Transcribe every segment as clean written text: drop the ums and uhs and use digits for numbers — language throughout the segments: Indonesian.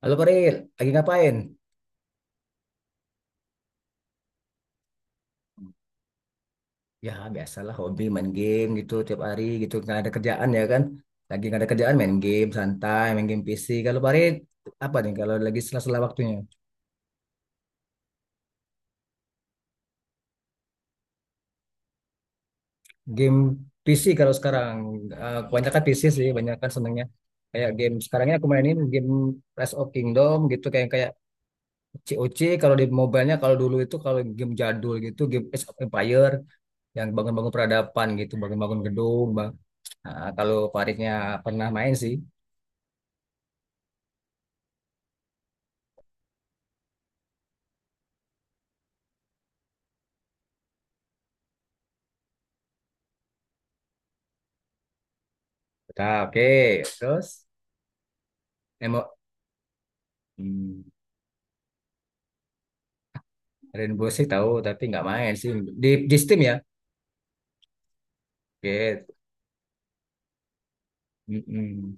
Halo Koril, lagi ngapain? Ya biasalah hobi main game gitu tiap hari gitu nggak ada kerjaan ya kan? Lagi nggak ada kerjaan main game santai, main game PC. Kalau Farid apa nih kalau lagi sela-sela waktunya? Game PC kalau sekarang, kebanyakan PC sih, kebanyakan senengnya kayak game sekarangnya aku mainin game Rise of Kingdom gitu kayak kayak COC kalau di mobile-nya, kalau dulu itu kalau game jadul gitu game Age of Empire yang bangun-bangun peradaban gitu, bangun-bangun gedung, bang. Nah, kalau Faridnya pernah main sih. Udah, oke. Terus emo hmm, Rainbow Six tahu tapi nggak main sih, di Steam ya. Oke. Mm-mm.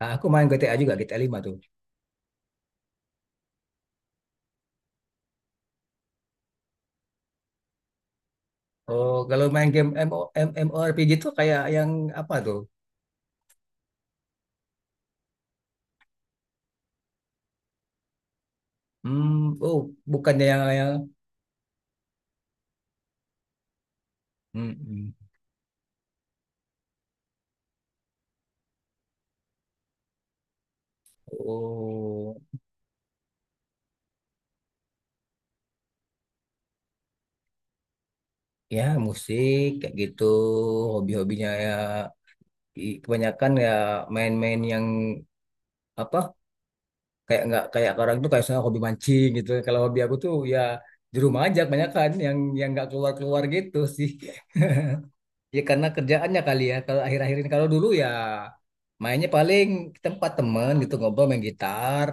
Nah, aku main GTA juga GTA 5 tuh. Oh, kalau main game MO, M- MMORPG tuh kayak yang apa tuh? Hmm, oh, bukannya yang Mm-mm. Oh, ya musik kayak gitu, hobi-hobinya ya i- kebanyakan ya main-main yang apa? Kayak nggak kayak orang tuh kayak saya hobi mancing gitu, kalau hobi aku tuh ya di rumah aja kebanyakan yang nggak keluar keluar gitu sih ya karena kerjaannya kali ya, kalau akhir-akhir ini kalau dulu ya mainnya paling ke tempat temen gitu ngobrol main gitar,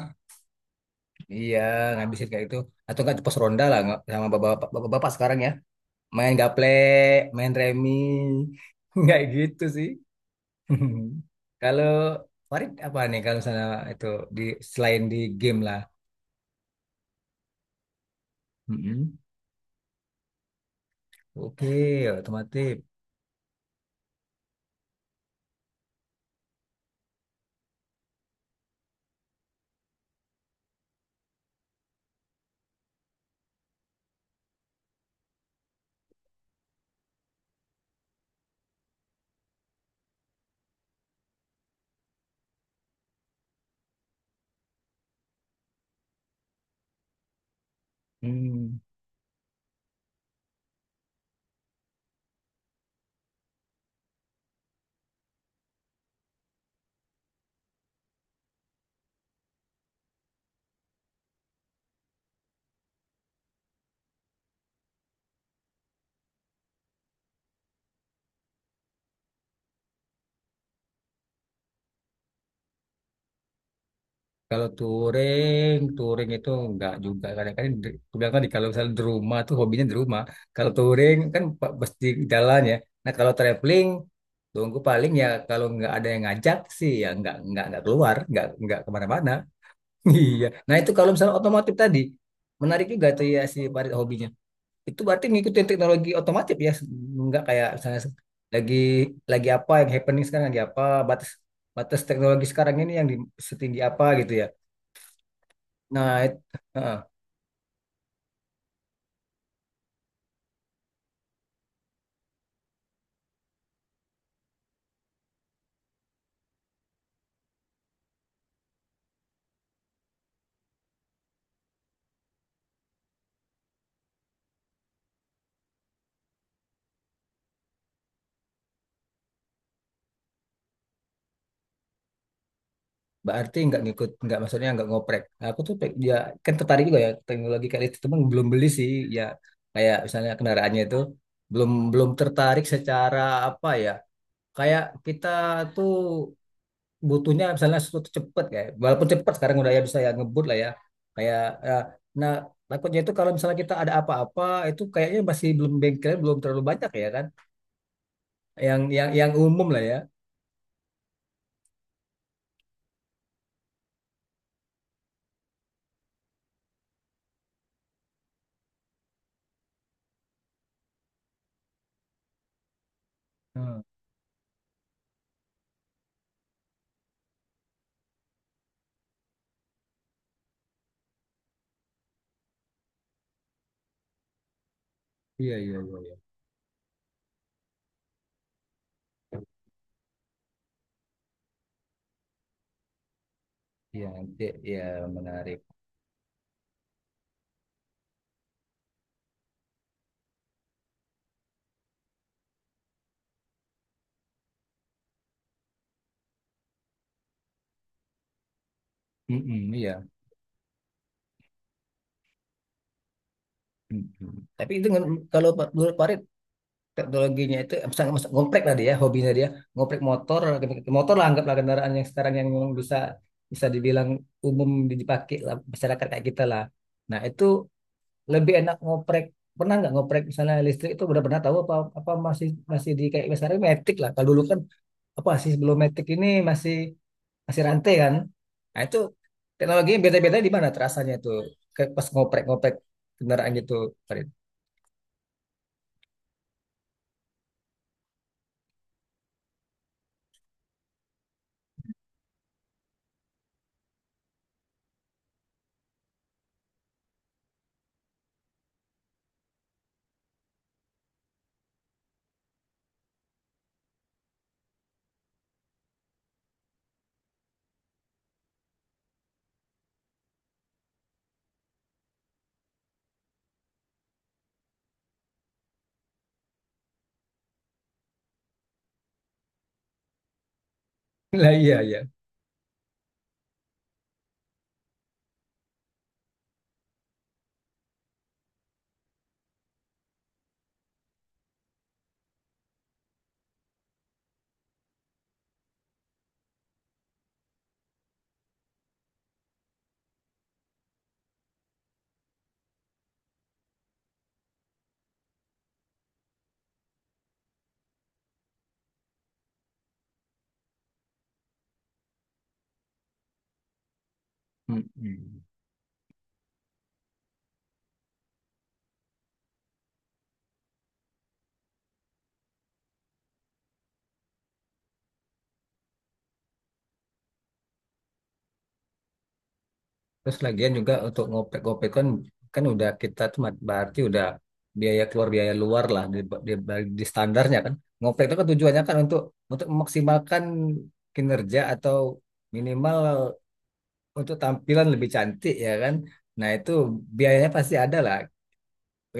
iya, ngabisin kayak gitu atau nggak di pos ronda lah, nggak- sama bapak-bapak sekarang ya main gaplek main remi nggak gitu sih kalau Farid apa nih kalau misalnya itu di selain di game lah. Mm-mm. Oke, otomotif. Hmm. Kalau touring, touring itu enggak juga. Kadang-kadang di- aku bilang kan kalau misalnya di rumah tuh hobinya di rumah. Kalau touring kan pa- pasti jalan ya. Nah, kalau traveling, tunggu paling ya kalau nggak ada yang ngajak sih ya nggak keluar, nggak kemana-mana. Iya. Nah itu kalau misalnya otomotif tadi menarik juga tuh ya, si Farid hobinya. Itu berarti ngikutin teknologi otomatis ya, nggak kayak misalnya lagi lagi apa yang happening sekarang lagi apa, batas batas teknologi sekarang ini yang di, setinggi apa gitu ya. Nah, it- heeh, berarti nggak ngikut, nggak maksudnya nggak ngoprek. Nah, aku tuh pe- ya kan tertarik juga ya teknologi kayak itu, cuman belum beli sih, ya kayak misalnya kendaraannya itu belum belum tertarik secara apa ya, kayak kita tuh butuhnya misalnya sesuatu cepet, kayak walaupun cepet sekarang udah ya bisa ya ngebut lah ya kayak ya, nah takutnya itu kalau misalnya kita ada apa-apa itu kayaknya masih belum bengkel belum terlalu banyak ya kan, yang yang umum lah ya. Hmm, iya iya iya iya. Iya, nanti ya menarik. Mm-mm, iya. Mm-mm. Tapi itu nge- kalau menurut Farid teknologinya itu, misalnya misalnya ngoprek tadi ya hobinya dia ngoprek motor motor lah anggaplah kendaraan yang sekarang yang memang bisa bisa dibilang umum dipakai lah, masyarakat kayak kita lah, nah itu lebih enak ngoprek, pernah nggak ngoprek misalnya listrik itu udah pernah tahu apa apa masih masih di kayak misalnya metik lah kalau dulu kan apa sih sebelum metik ini masih masih rantai kan, nah itu teknologinya beda-beda di mana terasanya tuh, kayak pas ngoprek-ngoprek kendaraan gitu Farid. Lah iya iya. Mm-mm. Terus lagian juga untuk ngopek-ngopek kan kan udah kita tuh mat- berarti udah biaya keluar biaya luar lah di, di standarnya kan. Ngopek itu kan tujuannya kan untuk memaksimalkan kinerja atau minimal untuk tampilan lebih cantik ya kan. Nah, itu biayanya pasti ada lah.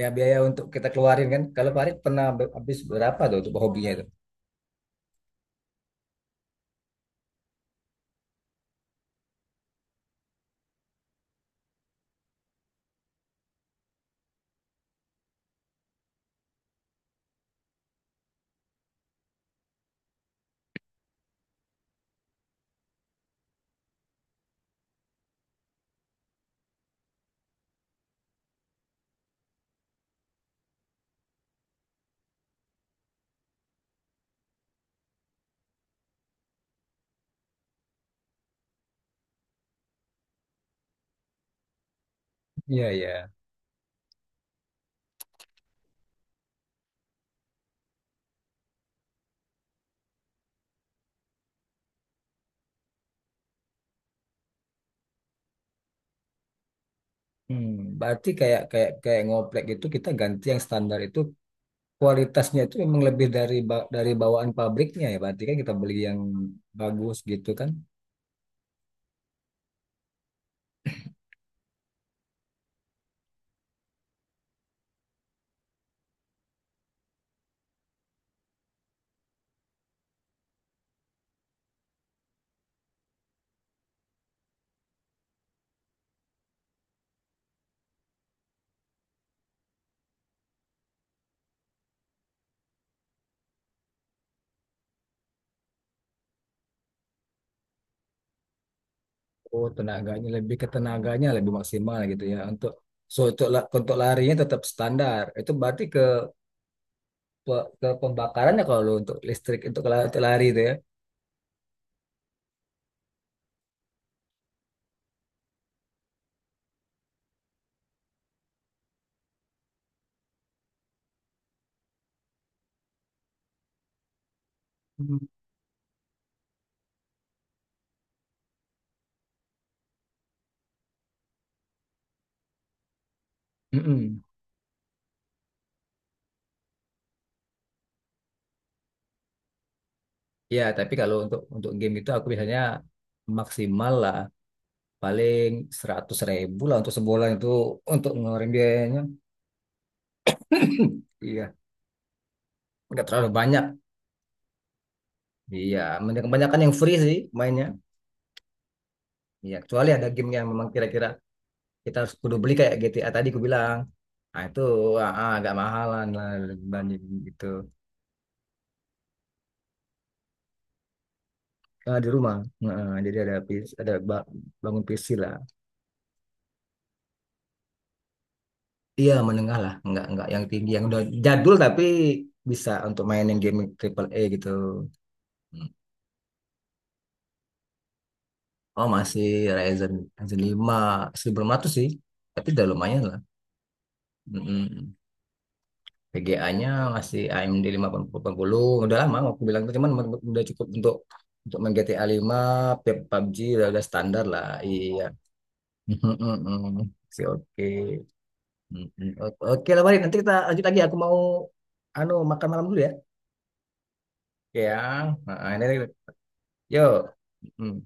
Ya biaya untuk kita keluarin kan. Kalau Farid pernah be- habis berapa tuh untuk hobinya itu? Iya, iya. Hmm, berarti kayak kayak kayak ngoplek gitu kita ganti yang standar itu kualitasnya itu memang lebih dari ba- dari bawaan pabriknya ya berarti kan kita beli yang bagus gitu kan, oh tenaganya lebih ke tenaganya lebih maksimal gitu ya untuk, so untuk la- untuk larinya tetap standar itu berarti ke pe- ke pembakarannya, kalau untuk listrik untuk la- untuk lari itu ya. Hmm. Mm-mm. Ya tapi kalau untuk game itu aku biasanya maksimal lah paling 100.000 lah untuk sebulan itu untuk ngeluarin biayanya iya, nggak terlalu banyak. Iya, men- kebanyakan yang free sih mainnya. Iya, kecuali ada game yang memang kira-kira kita harus kudu beli kayak GTA tadi aku bilang. Nah, itu agak mahalan lah dibanding gitu. Ah, di rumah. Heeh, jadi ada PC, ada ba- bangun PC lah. Iya, menengah lah, enggak yang tinggi, yang udah jadul tapi bisa untuk mainin game triple A gitu. Hmm. Oh, masih Ryzen Ryzen 5 1500 sih. Tapi udah lumayan lah. Mm-mm. VGA-nya masih AMD 580. Udah lama aku bilang itu cuman men- udah cukup untuk main GTA 5, P- PUBG udah standar lah. Iya. Oke, oke. Mm-mm. O- Oke lah Bari, nanti kita lanjut lagi. Aku mau anu makan malam dulu ya. Oke ya. Nah, ini, yuk. Mm.